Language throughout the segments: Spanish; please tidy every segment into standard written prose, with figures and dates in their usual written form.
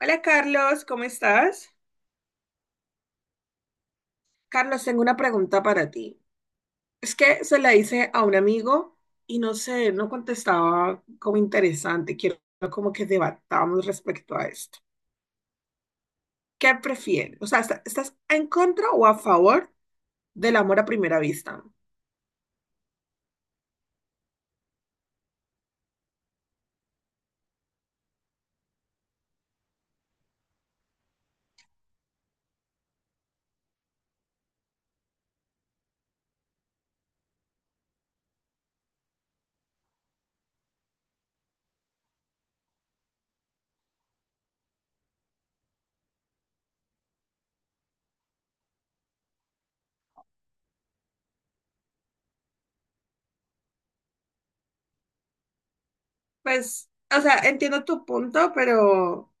Hola Carlos, ¿cómo estás? Carlos, tengo una pregunta para ti. Es que se la hice a un amigo y no sé, no contestaba como interesante. Quiero como que debatamos respecto a esto. ¿Qué prefieres? O sea, ¿estás en contra o a favor del amor a primera vista? Pues, o sea, entiendo tu punto, pero, o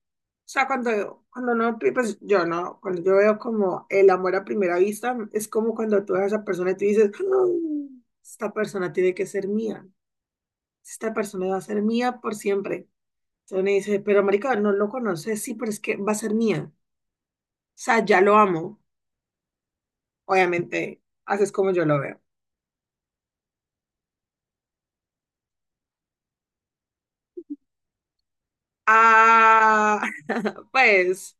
sea, cuando no, pues yo no, cuando yo veo como el amor a primera vista, es como cuando tú ves a esa persona y tú dices, "Mm, esta persona tiene que ser mía, esta persona va a ser mía por siempre." Entonces me dice, pero marica, no lo conoces, sí, pero es que va a ser mía, o sea, ya lo amo, obviamente, haces como yo lo veo. Ah, pues,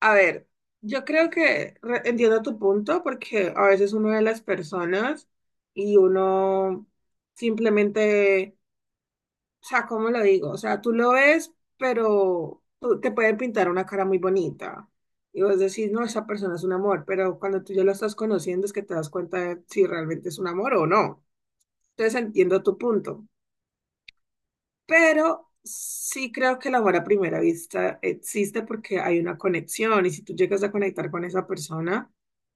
a ver, yo creo que entiendo tu punto porque a veces uno ve las personas y uno simplemente, o sea, ¿cómo lo digo? O sea, tú lo ves, pero te pueden pintar una cara muy bonita y vos decís, no, esa persona es un amor, pero cuando tú ya lo estás conociendo es que te das cuenta de si realmente es un amor o no. Entonces entiendo tu punto, pero sí creo que el amor a primera vista existe porque hay una conexión y si tú llegas a conectar con esa persona,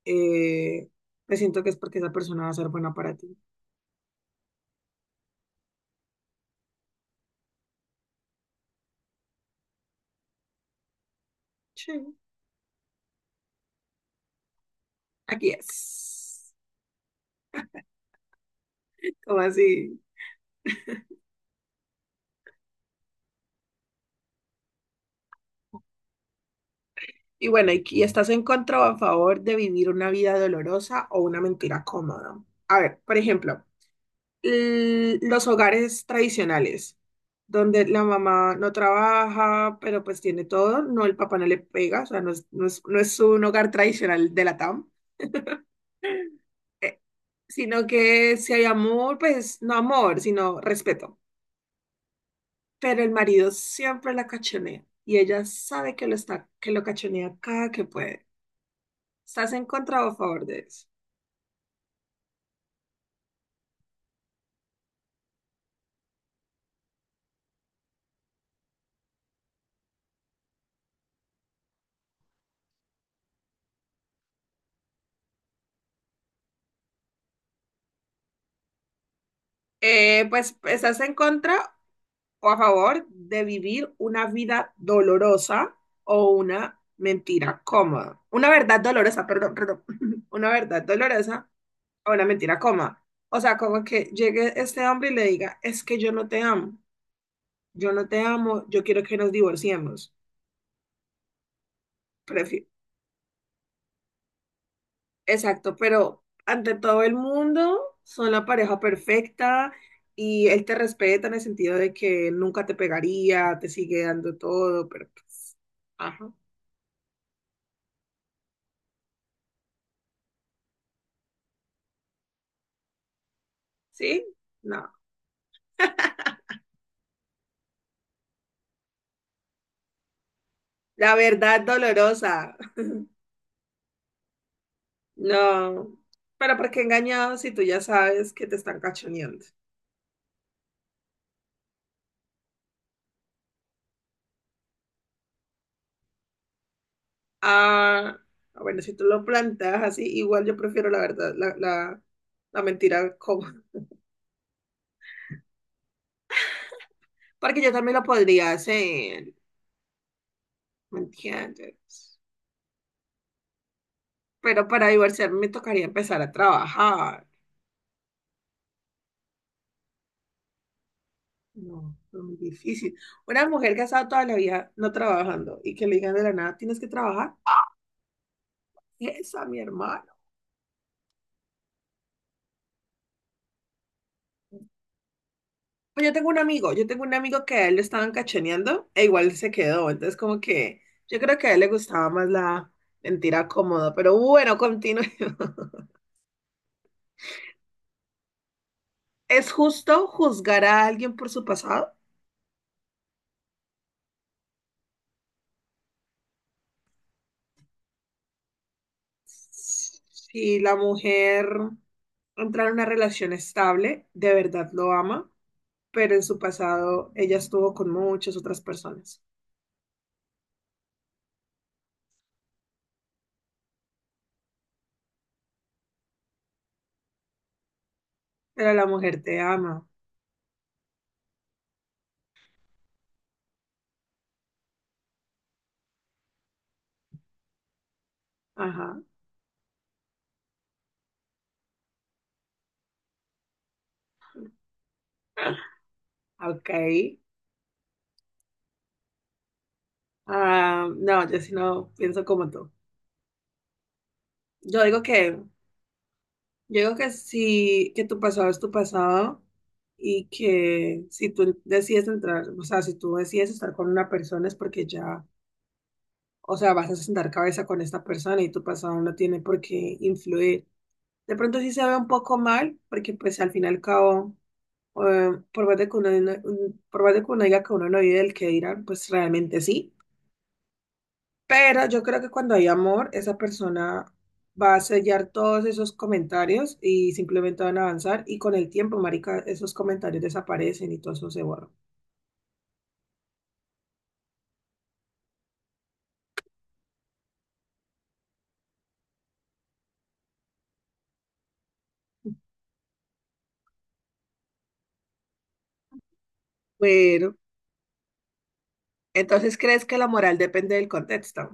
eh, pues siento que es porque esa persona va a ser buena para ti. Sí, aquí es. ¿Cómo así? Y bueno, ¿Y estás en contra o a favor de vivir una vida dolorosa o una mentira cómoda? A ver, por ejemplo, los hogares tradicionales, donde la mamá no trabaja, pero pues tiene todo, no, el papá no le pega, o sea, no es un hogar tradicional de la TAM, eh, sino que si hay amor, pues no amor, sino respeto. Pero el marido siempre la cachonea y ella sabe que lo está, que lo cachonea cada que puede. ¿Estás en contra o a favor de eso? Pues estás en contra o a favor de vivir una vida dolorosa o una mentira cómoda. Una verdad dolorosa, perdón, perdón. Una verdad dolorosa o una mentira cómoda. O sea, como que llegue este hombre y le diga, es que yo no te amo, yo no te amo, yo quiero que nos divorciemos. Prefi- Exacto, pero ante todo el mundo son la pareja perfecta y él te respeta en el sentido de que nunca te pegaría, te sigue dando todo, pero pues, ajá, ¿sí? No. La verdad dolorosa. No. Pero ¿por qué engañado si tú ya sabes que te están cachoneando? Ah, bueno, si tú lo planteas así, igual yo prefiero la verdad, la mentira cómoda. Porque yo también lo podría hacer, ¿me entiendes? Pero para divorciarme me tocaría empezar a trabajar. No, es muy difícil. Una mujer que ha estado toda la vida no trabajando y que le digan de la nada, tienes que trabajar. Esa, mi hermano. Pues yo tengo un amigo que a él lo estaban cachoneando e igual se quedó. Entonces, como que yo creo que a él le gustaba más la mentira cómoda. Pero bueno, continuemos. ¿Es justo juzgar a alguien por su pasado? Si la mujer entra en una relación estable, de verdad lo ama, pero en su pasado ella estuvo con muchas otras personas. Pero la mujer te ama. Ajá. Ok. Ah, no, yo sí no pienso como tú. Yo digo que Yo digo que sí, que tu pasado es tu pasado y que si tú decides entrar, o sea, si tú decides estar con una persona es porque ya, o sea, vas a sentar cabeza con esta persona y tu pasado no tiene por qué influir. De pronto sí se ve un poco mal, porque pues al fin y al cabo, por más de que uno, no, por más de que uno diga que uno no vive del que dirán, pues realmente sí. Pero yo creo que cuando hay amor, esa persona va a sellar todos esos comentarios y simplemente van a avanzar y con el tiempo, marica, esos comentarios desaparecen y todo eso se borra. Bueno, entonces, ¿crees que la moral depende del contexto?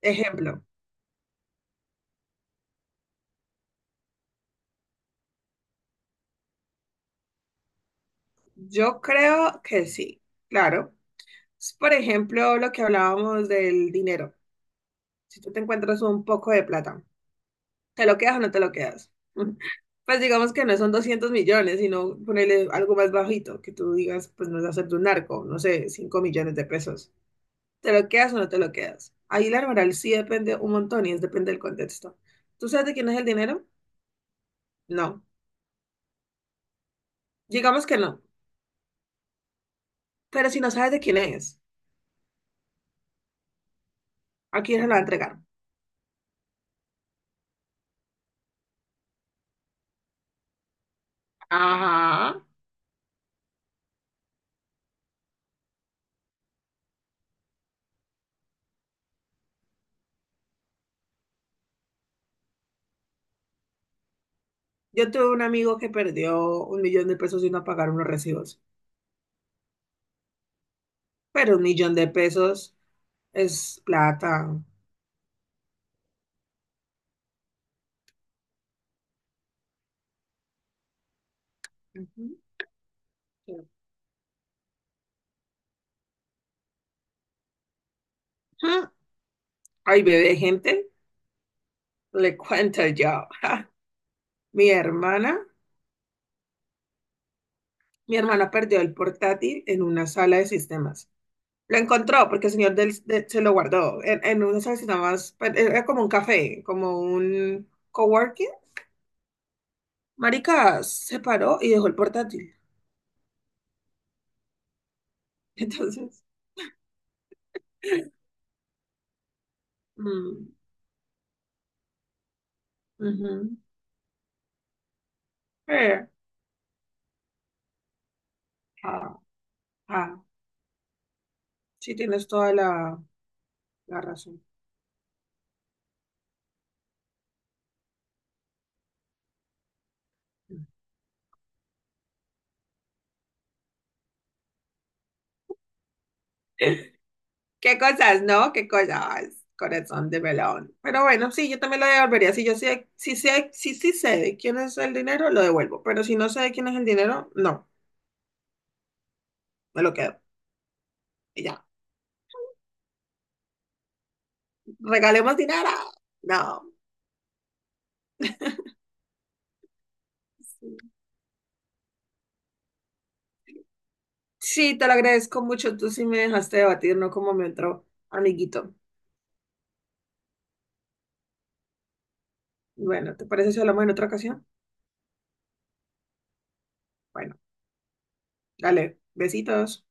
Ejemplo, yo creo que sí, claro. Por ejemplo, lo que hablábamos del dinero. Si tú te encuentras un poco de plata, ¿te lo quedas o no te lo quedas? Pues digamos que no son 200 millones, sino ponerle algo más bajito, que tú digas, pues no es hacer de un narco, no sé, 5 millones de pesos. ¿Te lo quedas o no te lo quedas? Ahí la moral sí depende un montón y es depende del contexto. ¿Tú sabes de quién es el dinero? No. Digamos que no. Pero si no sabes de quién es, ¿a quién se lo va a entregar? Ajá. Yo tuve un amigo que perdió 1 millón de pesos y no pagaron los recibos. Pero 1 millón de pesos es plata. Ujú. Ay, bebé, gente, le cuento yo. Ja. Mi hermana, mi hermana perdió el portátil en una sala de sistemas. Lo encontró porque el señor se lo guardó en una sala de sistemas. Pues, era como un café, como un coworking. Marica se paró y dejó el portátil. Entonces, mm, ujú. Eh, ah, ah, sí tienes toda la razón. Qué cosas, ¿no? Qué cosas, corazón de melón. Pero bueno, sí, yo también lo devolvería. Si yo sé, si sí sé de quién es el dinero, lo devuelvo. Pero si no sé de quién es el dinero, no, me lo quedo. Y ya, regalemos dinero. No. Sí, te lo agradezco mucho. Tú sí me dejaste debatir, no como me entró, amiguito. Bueno, ¿te parece si hablamos en otra ocasión? Bueno, dale, besitos.